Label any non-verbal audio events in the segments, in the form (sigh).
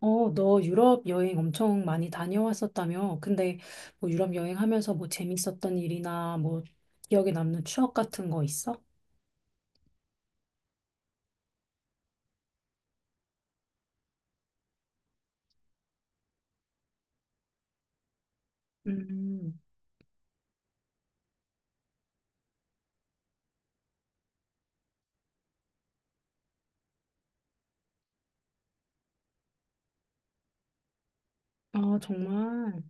어, 너 유럽 여행 엄청 많이 다녀왔었다며? 근데 뭐 유럽 여행하면서 뭐 재밌었던 일이나 뭐 기억에 남는 추억 같은 거 있어? 음, 아, 정말.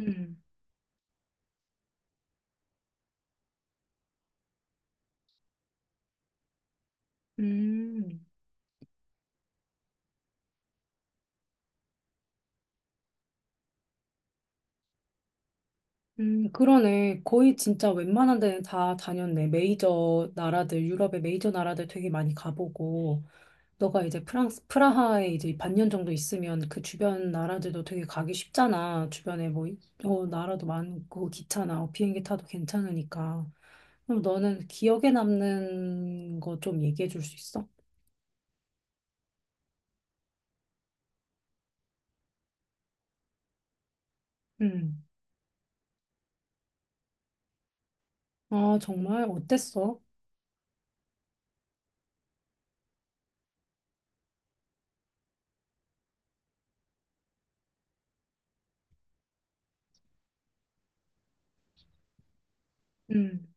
음, 음. 그러네. 거의 진짜 웬만한 데는 다 다녔네. 메이저 나라들, 유럽의 메이저 나라들 되게 많이 가보고, 너가 이제 프랑스, 프라하에 이제 반년 정도 있으면 그 주변 나라들도 되게 가기 쉽잖아. 주변에 뭐, 어, 나라도 많고, 기차나 어, 비행기 타도 괜찮으니까. 그럼 너는 기억에 남는 거 좀 얘기해 줄 수 있어? 음. 아, 정말? 어땠어? 음.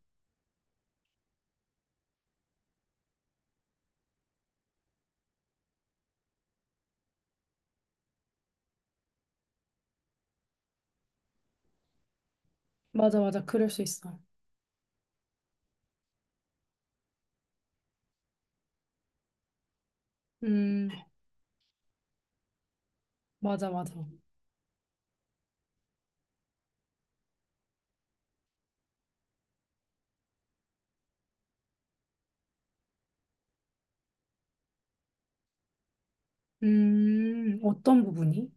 맞아, 맞아. 그럴 수 있어. 음, 맞아, 맞아. 어떤 부분이?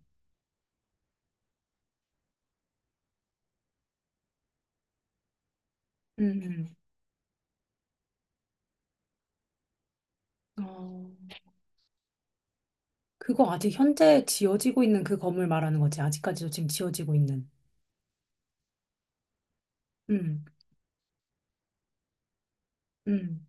음, 어, 그거 아직 현재 지어지고 있는 그 건물 말하는 거지. 아직까지도 지금 지어지고 있는. 음, 음,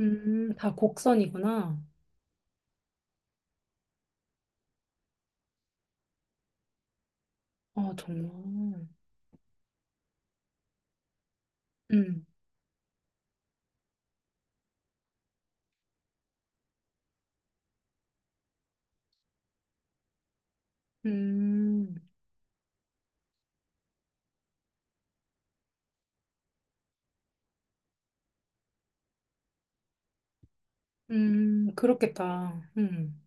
다 곡선이구나. 아, 정말. 음, 음, 그렇겠다.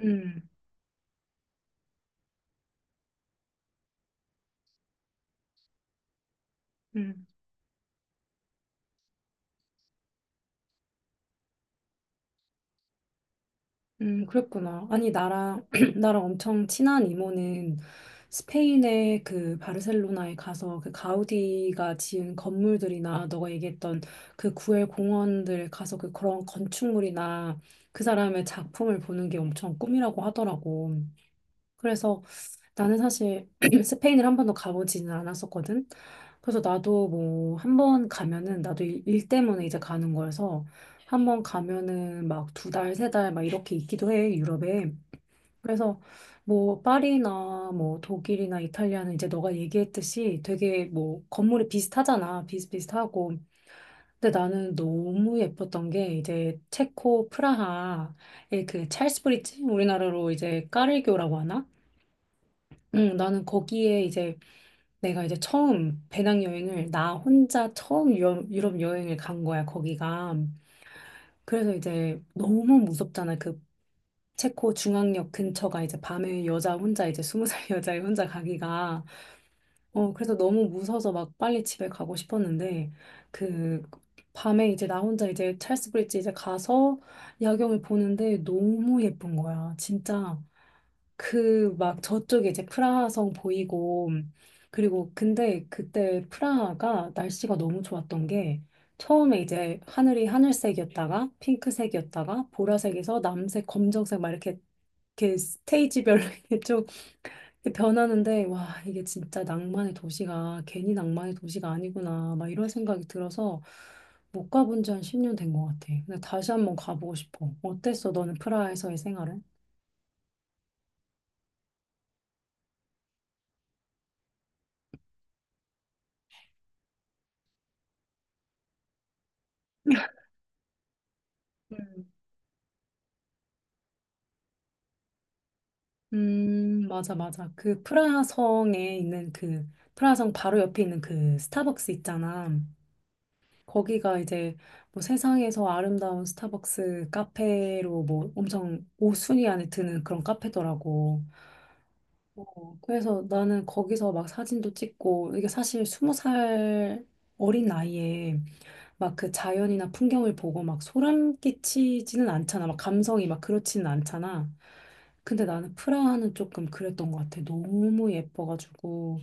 음, 음. 그랬구나. 아니, 나랑, (clears throat) 나랑 엄청 친한 이모는 스페인의 그 바르셀로나에 가서 그 가우디가 지은 건물들이나 너가 얘기했던 그 구엘 공원들 가서 그 그런 건축물이나 그 사람의 작품을 보는 게 엄청 꿈이라고 하더라고. 그래서 나는 사실 (clears throat) 스페인을 한 번도 가보지는 않았었거든. 그래서 나도 뭐 한번 가면은 나도 일 때문에 이제 가는 거여서 한번 가면은 막 두 달, 세 달 막 이렇게 있기도 해, 유럽에. 그래서 뭐 파리나 뭐 독일이나 이탈리아는 이제 너가 얘기했듯이 되게 뭐 건물이 비슷하잖아. 비슷비슷하고. 근데 나는 너무 예뻤던 게 이제 체코 프라하의 그 찰스 브릿지 우리나라로 이제 까를교라고 하나? 응, 나는 거기에 이제 내가 이제 처음 배낭여행을 나 혼자 처음 유럽 여행을 간 거야, 거기가. 그래서 이제 너무 무섭잖아. 그 체코 중앙역 근처가 이제 밤에 여자 혼자 이제 스무 살 (laughs) 여자 혼자 가기가 어 그래서 너무 무서워서 막 빨리 집에 가고 싶었는데 그 밤에 이제 나 혼자 이제 찰스 브릿지 이제 가서 야경을 보는데 너무 예쁜 거야 진짜 그 막 저쪽에 이제 프라하성 보이고 그리고 근데 그때 프라하가 날씨가 너무 좋았던 게 처음에 이제 하늘이 하늘색이었다가 핑크색이었다가 보라색에서 남색, 검정색 막 이렇게 이렇게 스테이지별로 (laughs) 이렇게 좀 이렇게 변하는데 와 이게 진짜 낭만의 도시가 괜히 낭만의 도시가 아니구나 막 이런 생각이 들어서 못 가본 지 한 10년 된 것 같아. 근데 다시 한번 가보고 싶어. 어땠어? 너는 프라하에서의 생활은? (laughs) 음. 맞아, 맞아. 그 프라하성에 있는 그, 프라하성 바로 옆에 있는 그 스타벅스 있잖아. 거기가 이제 뭐 세상에서 아름다운 스타벅스 카페로 뭐 엄청 5순위 안에 드는 그런 카페더라고. 어, 그래서 나는 거기서 막 사진도 찍고, 이게 사실 20살 어린 나이에 막 그 자연이나 풍경을 보고 막 소름 끼치지는 않잖아. 막 감성이 막 그렇지는 않잖아. 근데 나는 프라하는 조금 그랬던 것 같아. 너무 예뻐가지고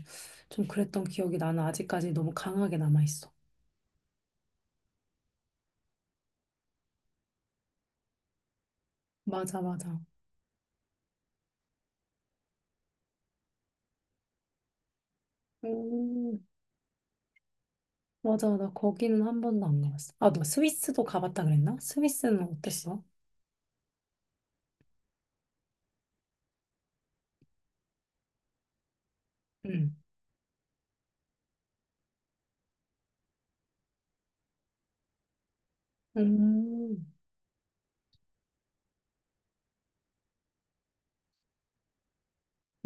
좀 그랬던 기억이 나는 아직까지 너무 강하게 남아있어. 맞아, 맞아. 음. 맞아, 나 거기는 한 번도 안 가봤어. 아, 너 스위스도 가봤다 그랬나? 스위스는 어땠어? 응, 음.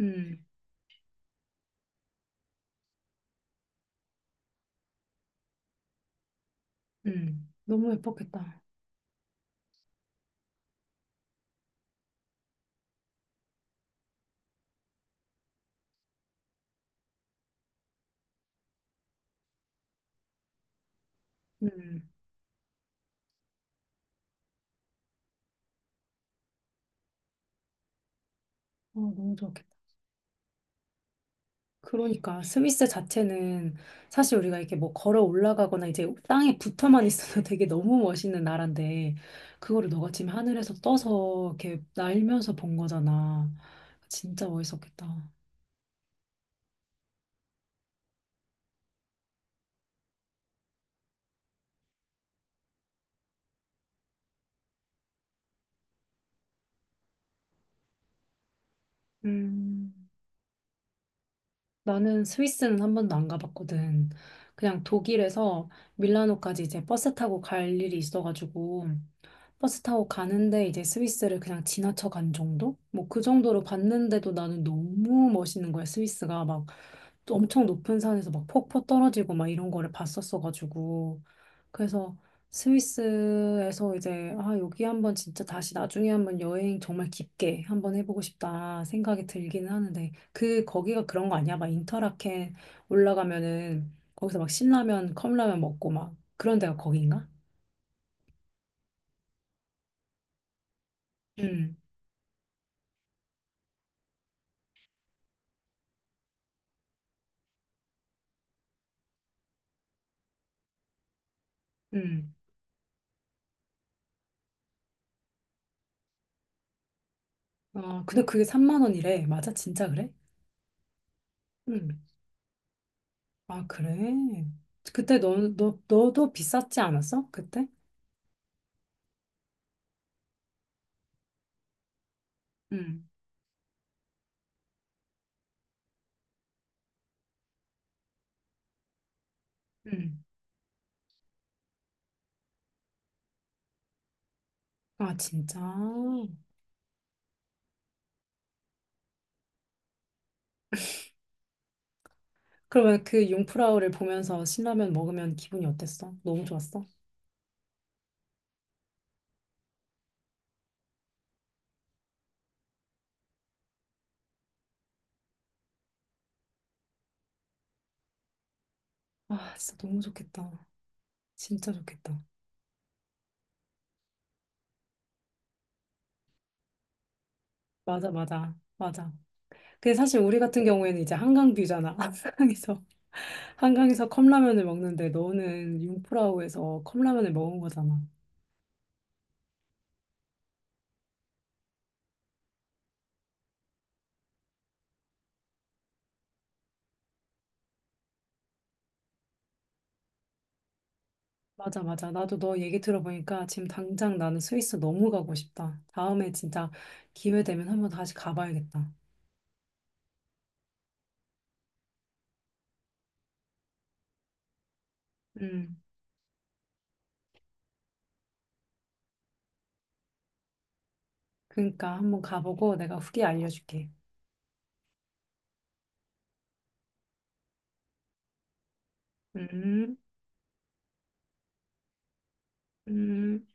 응, 응. 너무 예뻤겠다. 응. 어, 너무 좋았겠다. 그러니까 스위스 자체는 사실 우리가 이렇게 뭐 걸어 올라가거나 이제 땅에 붙어만 있어도 (laughs) 되게 너무 멋있는 나라인데 그거를 너가 지금 하늘에서 떠서 이렇게 날면서 본 거잖아. 진짜 멋있었겠다. 음. 나는 스위스는 한 번도 안 가봤거든. 그냥 독일에서 밀라노까지 이제 버스 타고 갈 일이 있어가지고 버스 타고 가는데 이제 스위스를 그냥 지나쳐 간 정도? 뭐 그 정도로 봤는데도 나는 너무 멋있는 거야. 스위스가 막 엄청 높은 산에서 막 폭포 떨어지고 막 이런 거를 봤었어가지고. 그래서 스위스에서 이제 아 여기 한번 진짜 다시 나중에 한번 여행 정말 깊게 한번 해보고 싶다 생각이 들기는 하는데 그 거기가 그런 거 아니야? 막 인터라켄 올라가면은 거기서 막 신라면 컵라면 먹고 막 그런 데가 거기인가? 응 응 아 근데 그게 3만 원이래. 맞아? 진짜 그래? 응 아 그래? 그때 너도 비쌌지 않았어? 그때? 응 응 아 진짜? 그러면 그 융프라우를 보면서 신라면 먹으면 기분이 어땠어? 너무 좋았어? 아, 진짜 너무 좋겠다. 진짜 좋겠다. 맞아, 맞아, 맞아. 근데 사실 우리 같은 경우에는 이제 한강 뷰잖아. (laughs) 한강에서 컵라면을 먹는데 너는 융프라우에서 컵라면을 먹은 거잖아. 맞아, 맞아. 나도 너 얘기 들어보니까 지금 당장 나는 스위스 너무 가고 싶다. 다음에 진짜 기회 되면 한번 다시 가봐야겠다. 음, 그러니까 한번 가보고 내가 후기 알려줄게. 음, 음.